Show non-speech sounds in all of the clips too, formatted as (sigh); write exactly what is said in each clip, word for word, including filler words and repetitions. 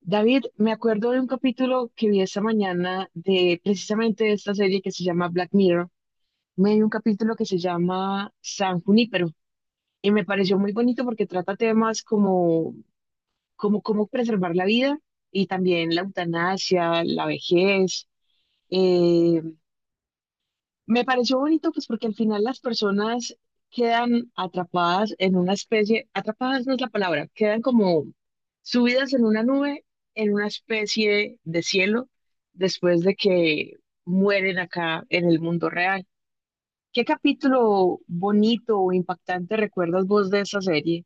David, me acuerdo de un capítulo que vi esta mañana de precisamente de esta serie que se llama Black Mirror. Me di un capítulo que se llama San Junípero y me pareció muy bonito porque trata temas como, como cómo preservar la vida y también la eutanasia, la vejez. eh, Me pareció bonito, pues porque al final las personas quedan atrapadas en una especie, atrapadas no es la palabra, quedan como subidas en una nube, en una especie de cielo, después de que mueren acá en el mundo real. ¿Qué capítulo bonito o impactante recuerdas vos de esa serie?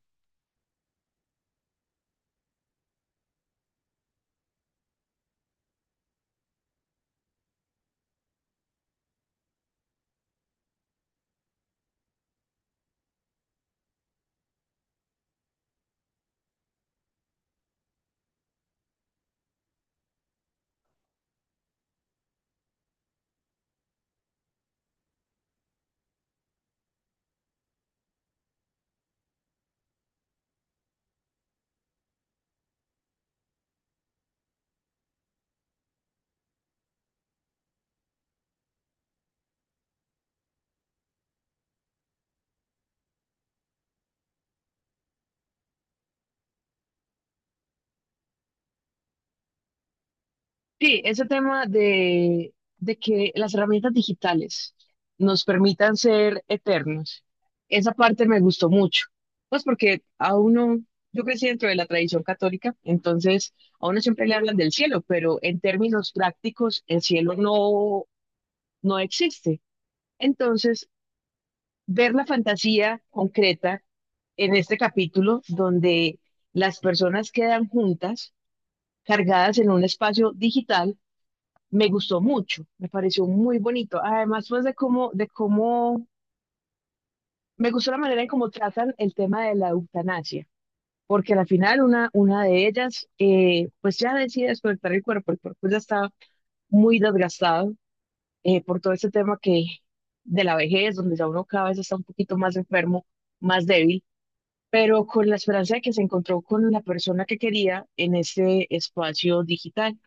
Sí, ese tema de, de que las herramientas digitales nos permitan ser eternos, esa parte me gustó mucho. Pues porque a uno, yo crecí dentro de la tradición católica, entonces a uno siempre le hablan del cielo, pero en términos prácticos el cielo no, no existe. Entonces, ver la fantasía concreta en este capítulo donde las personas quedan juntas, cargadas en un espacio digital me gustó mucho, me pareció muy bonito. Además, pues de cómo, de cómo, me gustó la manera en cómo tratan el tema de la eutanasia, porque al final una, una de ellas, eh, pues ya decide desconectar el cuerpo, el cuerpo ya está muy desgastado eh, por todo este tema que de la vejez, donde ya uno cada vez está un poquito más enfermo, más débil, pero con la esperanza de que se encontró con la persona que quería en este espacio digital.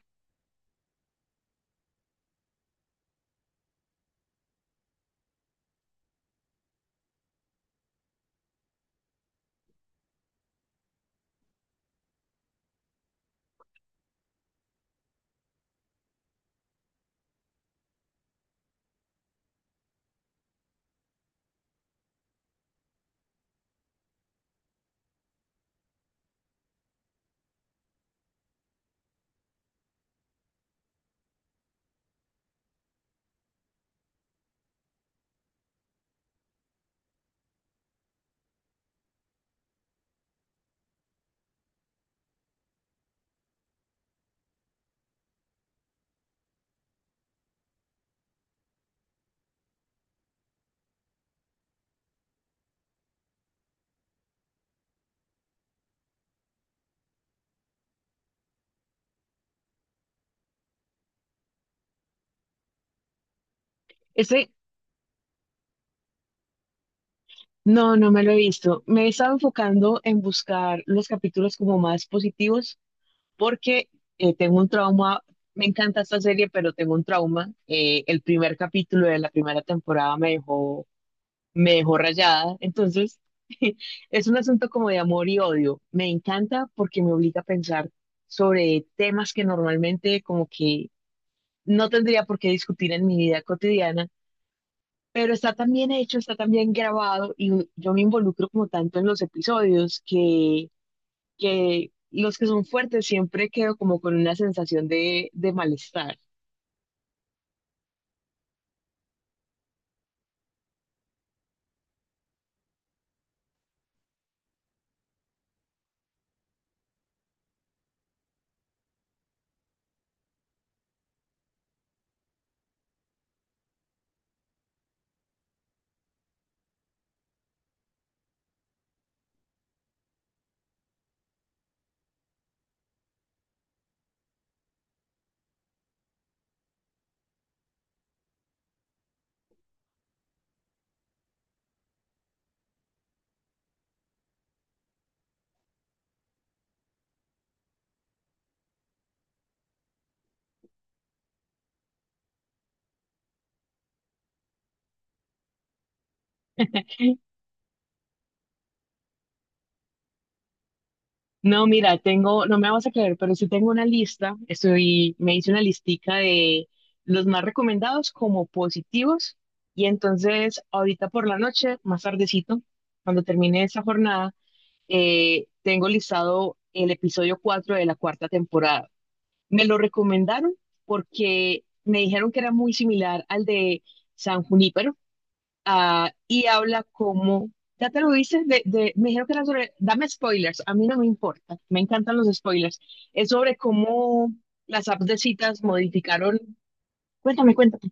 Este No, no me lo he visto. Me he estado enfocando en buscar los capítulos como más positivos porque eh, tengo un trauma. Me encanta esta serie, pero tengo un trauma. Eh, el primer capítulo de la primera temporada me dejó, me dejó rayada. Entonces, (laughs) es un asunto como de amor y odio. Me encanta porque me obliga a pensar sobre temas que normalmente como que no tendría por qué discutir en mi vida cotidiana, pero está tan bien hecho, está tan bien grabado y u- yo me involucro como tanto en los episodios que, que los que son fuertes siempre quedo como con una sensación de, de malestar. No, mira, tengo, no me vas a creer, pero sí tengo una lista, estoy, me hice una listica de los más recomendados como positivos y entonces ahorita por la noche, más tardecito, cuando termine esta jornada, eh, tengo listado el episodio cuatro de la cuarta temporada. Me lo recomendaron porque me dijeron que era muy similar al de San Junípero, ah, y habla como, ya te lo dices, de, de- me dijeron que era sobre, dame spoilers, a mí no me importa, me encantan los spoilers. Es sobre cómo las apps de citas modificaron, cuéntame, cuéntame,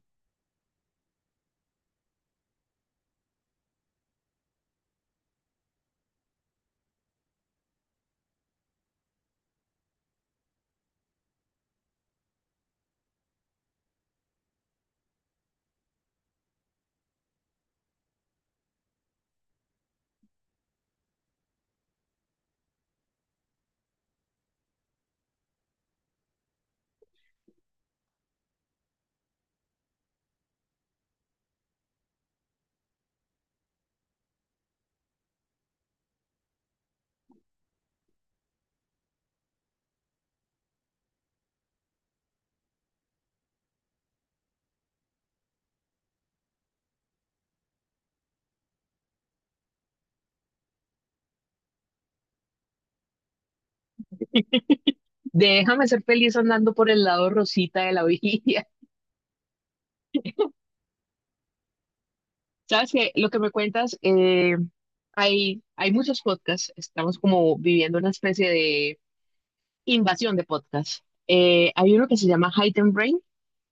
déjame ser feliz andando por el lado rosita de la orilla. (laughs) Sabes que lo que me cuentas, eh, hay, hay muchos podcasts, estamos como viviendo una especie de invasión de podcast. Eh, hay uno que se llama Hide and Brain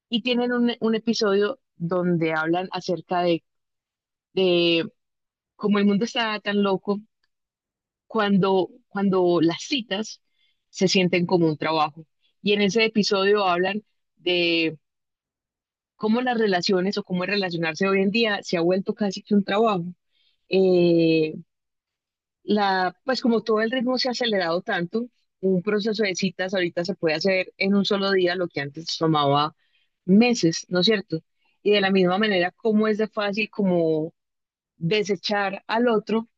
y tienen un, un episodio donde hablan acerca de, de cómo el mundo está tan loco cuando, cuando las citas se sienten como un trabajo. Y en ese episodio hablan de cómo las relaciones o cómo relacionarse hoy en día se ha vuelto casi que un trabajo. Eh, La, pues como todo el ritmo se ha acelerado tanto, un proceso de citas ahorita se puede hacer en un solo día lo que antes tomaba meses, ¿no es cierto? Y de la misma manera, cómo es de fácil como desechar al otro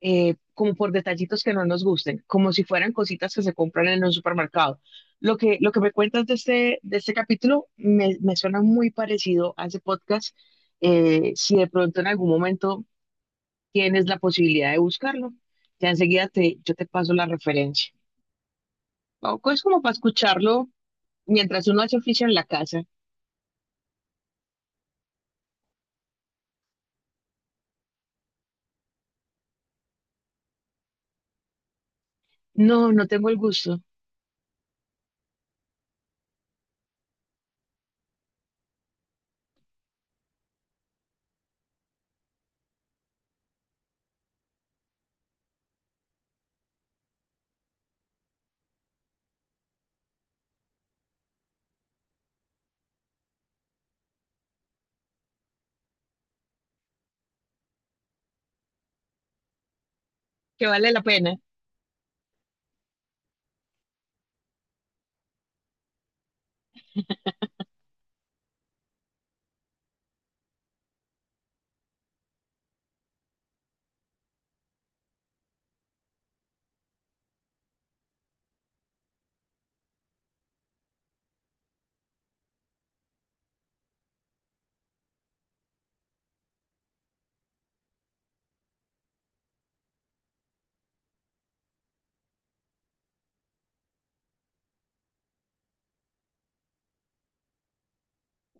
eh, como por detallitos que no nos gusten, como si fueran cositas que se compran en un supermercado. Lo que, lo que me cuentas de este, de este capítulo me, me suena muy parecido a ese podcast. Eh, si de pronto en algún momento tienes la posibilidad de buscarlo. Ya enseguida te, yo te paso la referencia. Tampoco es como para escucharlo mientras uno hace oficio en la casa. No, no tengo el gusto, que vale la pena. (laughs)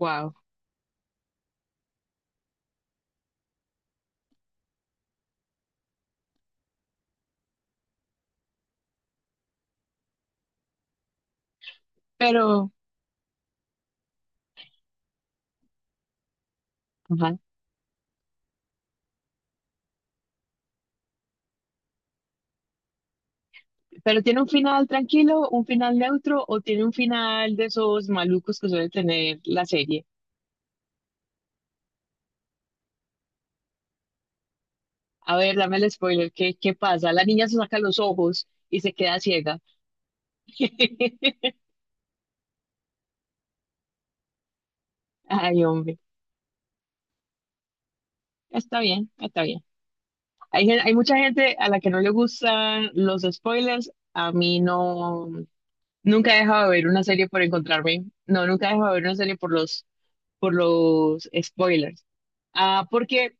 Wow. Pero, ajá. Pero tiene un final tranquilo, un final neutro, o tiene un final de esos malucos que suele tener la serie. A ver, dame el spoiler, ¿qué, qué pasa? La niña se saca los ojos y se queda ciega. (laughs) Ay, hombre, está bien, está bien. Hay, gen- hay mucha gente a la que no le gustan los spoilers. A mí no, nunca he dejado de ver una serie por encontrarme. No, nunca he dejado de ver una serie por los, por los spoilers. Ah, porque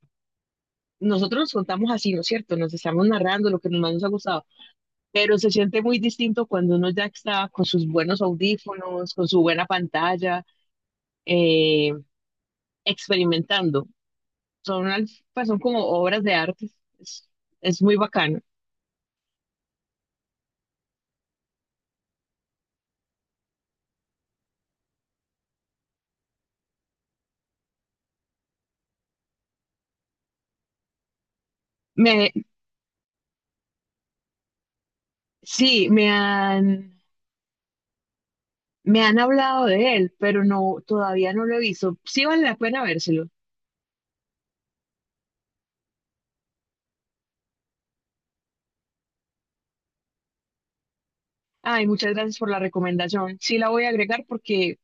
nosotros nos contamos así, ¿no es cierto? Nos estamos narrando lo que más nos ha gustado. Pero se siente muy distinto cuando uno ya está con sus buenos audífonos, con su buena pantalla, eh, experimentando. Son, al- pues, son como obras de arte. Es, es muy bacano. Me Sí, me han, me han hablado de él, pero no, todavía no lo he visto. Sí vale la pena vérselo. Ay, muchas gracias por la recomendación. Sí la voy a agregar porque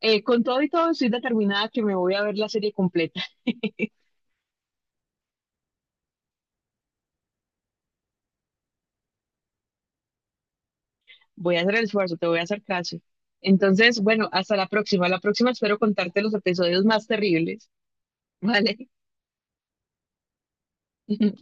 eh, con todo y todo estoy determinada que me voy a ver la serie completa. Voy a hacer el esfuerzo, te voy a hacer caso. Entonces, bueno, hasta la próxima. La próxima espero contarte los episodios más terribles, ¿vale? (laughs)